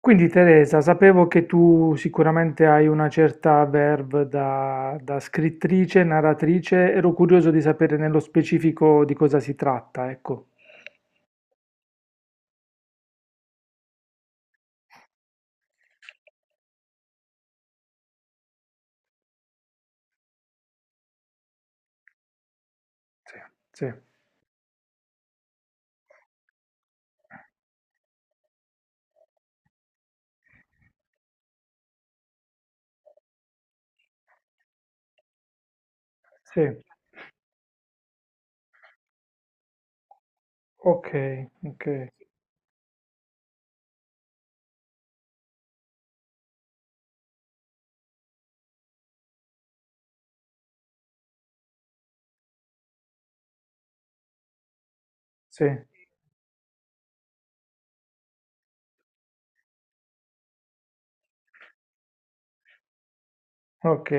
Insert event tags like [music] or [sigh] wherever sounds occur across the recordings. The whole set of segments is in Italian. Quindi Teresa, sapevo che tu sicuramente hai una certa verve da scrittrice, narratrice, ero curioso di sapere nello specifico di cosa si tratta, ecco. Sì, sì, sì, ok, ok, sì, ok.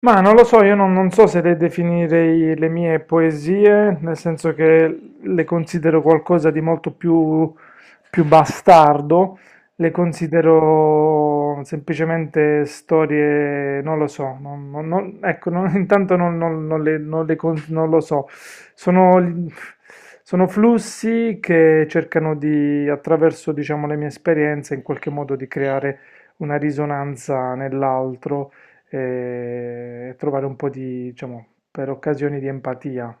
Ma non lo so, io non so se le definirei le mie poesie, nel senso che le considero qualcosa di molto più, più bastardo, le considero semplicemente storie, non lo so, [laughs] intanto non, non- non le, non le con- non lo so, sono, sono flussi che cercano di, attraverso, diciamo, le mie esperienze, in qualche modo di creare una risonanza nell'altro e trovare un po' di, diciamo, per occasioni di empatia.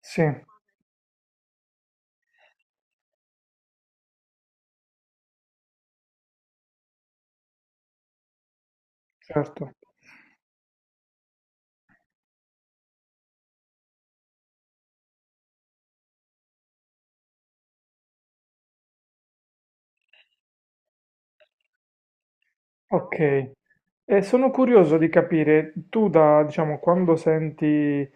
Sì, certo. Ok, e sono curioso di capire, tu da, diciamo, quando senti,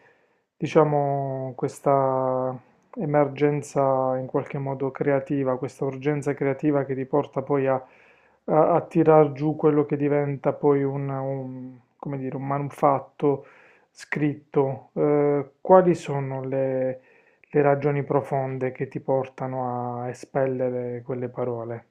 diciamo, questa emergenza in qualche modo creativa, questa urgenza creativa che ti porta poi a tirar giù quello che diventa poi un, come dire, un manufatto scritto, quali sono le ragioni profonde che ti portano a espellere quelle parole?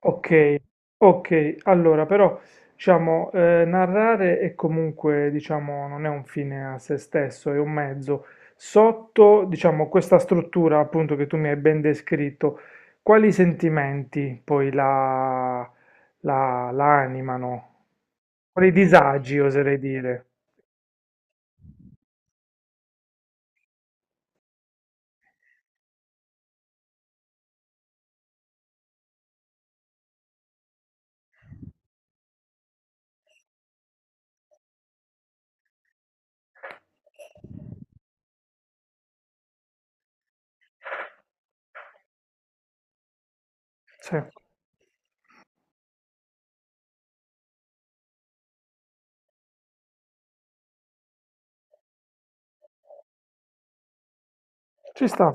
Ok, ok, allora però diciamo narrare è comunque diciamo non è un fine a se stesso, è un mezzo. Sotto diciamo questa struttura appunto che tu mi hai ben descritto, quali sentimenti poi la animano? Quali disagi oserei dire? Sì, ci sta.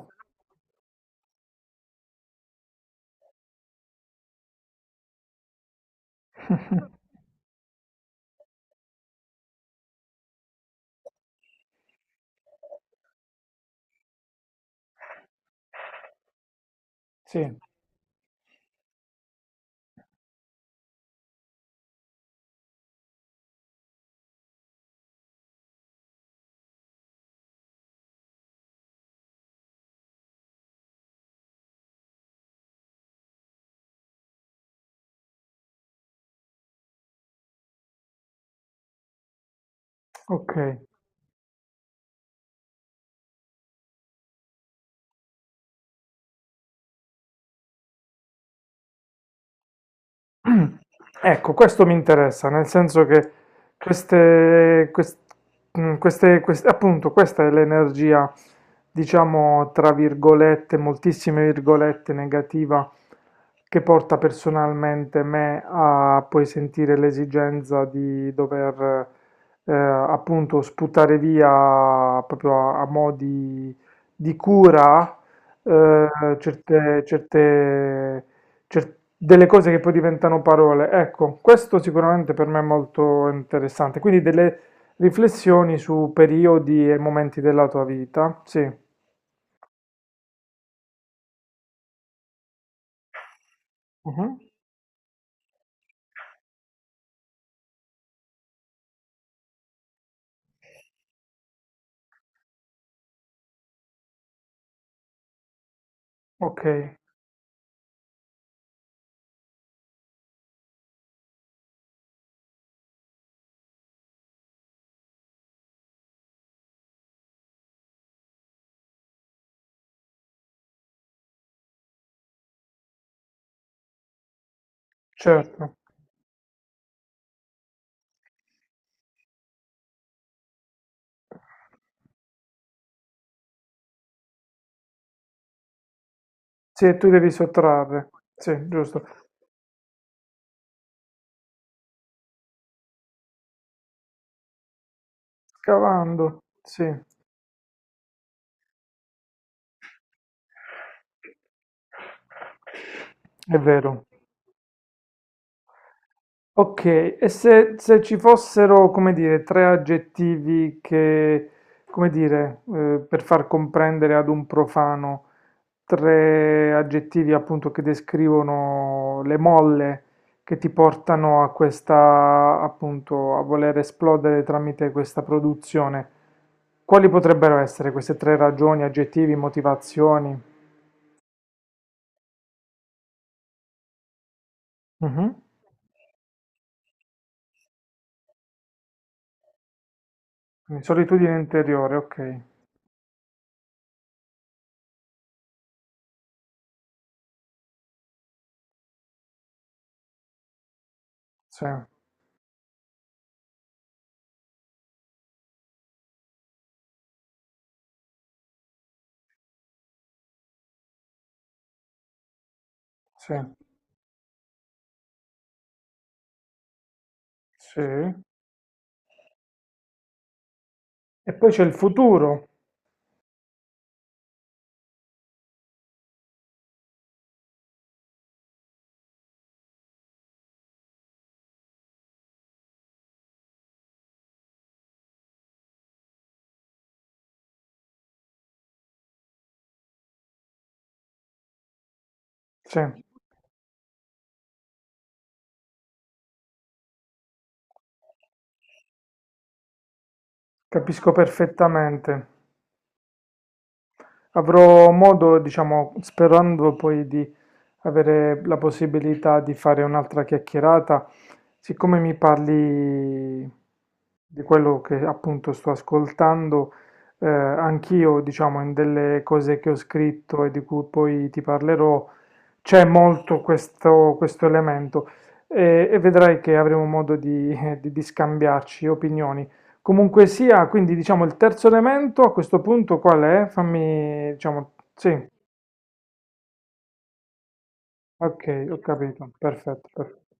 [laughs] Sì, ok. [clears throat] Ecco, questo mi interessa, nel senso che queste, quest- appunto, questa è l'energia, diciamo, tra virgolette, moltissime virgolette, negativa, che porta personalmente me a poi sentire l'esigenza di dover, appunto, sputare via proprio a, a mo' di cura, certe, delle cose che poi diventano parole. Ecco, questo sicuramente per me è molto interessante. Quindi delle riflessioni su periodi e momenti della tua vita. Sì. Mhm. Ok, certo. Sì, e tu devi sottrarre. Sì, giusto. Scavando. Sì, è vero. Ok, e se ci fossero, come dire, tre aggettivi che, come dire, per far comprendere ad un profano, tre aggettivi appunto che descrivono le molle che ti portano a questa, appunto, a voler esplodere tramite questa produzione, quali potrebbero essere queste tre ragioni, aggettivi, motivazioni? Mhm. Quindi solitudine interiore, ok. Sì, sì, sì. E poi c'è il futuro, sì, capisco perfettamente. Avrò modo, diciamo, sperando poi di avere la possibilità di fare un'altra chiacchierata, siccome mi parli di quello che appunto sto ascoltando, anch'io, diciamo, in delle cose che ho scritto e di cui poi ti parlerò, c'è molto questo, questo elemento e vedrai che avremo modo di [laughs] di scambiarci opinioni. Comunque sia, quindi diciamo il terzo elemento a questo punto qual è? Fammi, diciamo, sì, ok, ho capito, perfetto, perfetto.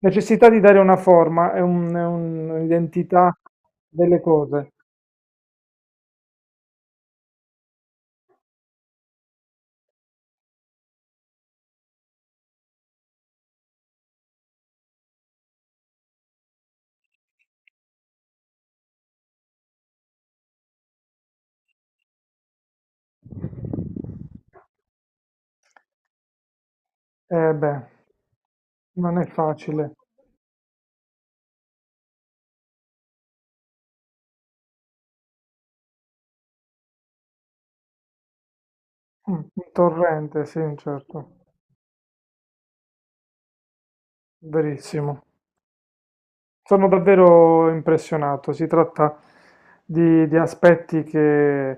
Necessità di dare una forma, è un- è un'identità delle cose. Eh beh, non è facile. Mm, un torrente, sì, certo, verissimo. Sono davvero impressionato. Si tratta di aspetti che,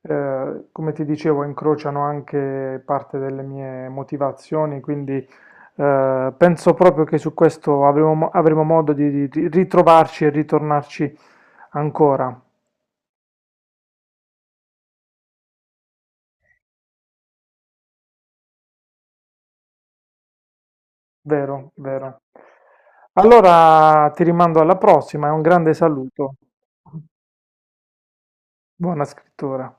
come ti dicevo, incrociano anche parte delle mie motivazioni, quindi penso proprio che su questo avremo, avremo modo di ritrovarci e ritornarci ancora. Vero, vero. Allora ti rimando alla prossima e un grande saluto. Buona scrittura.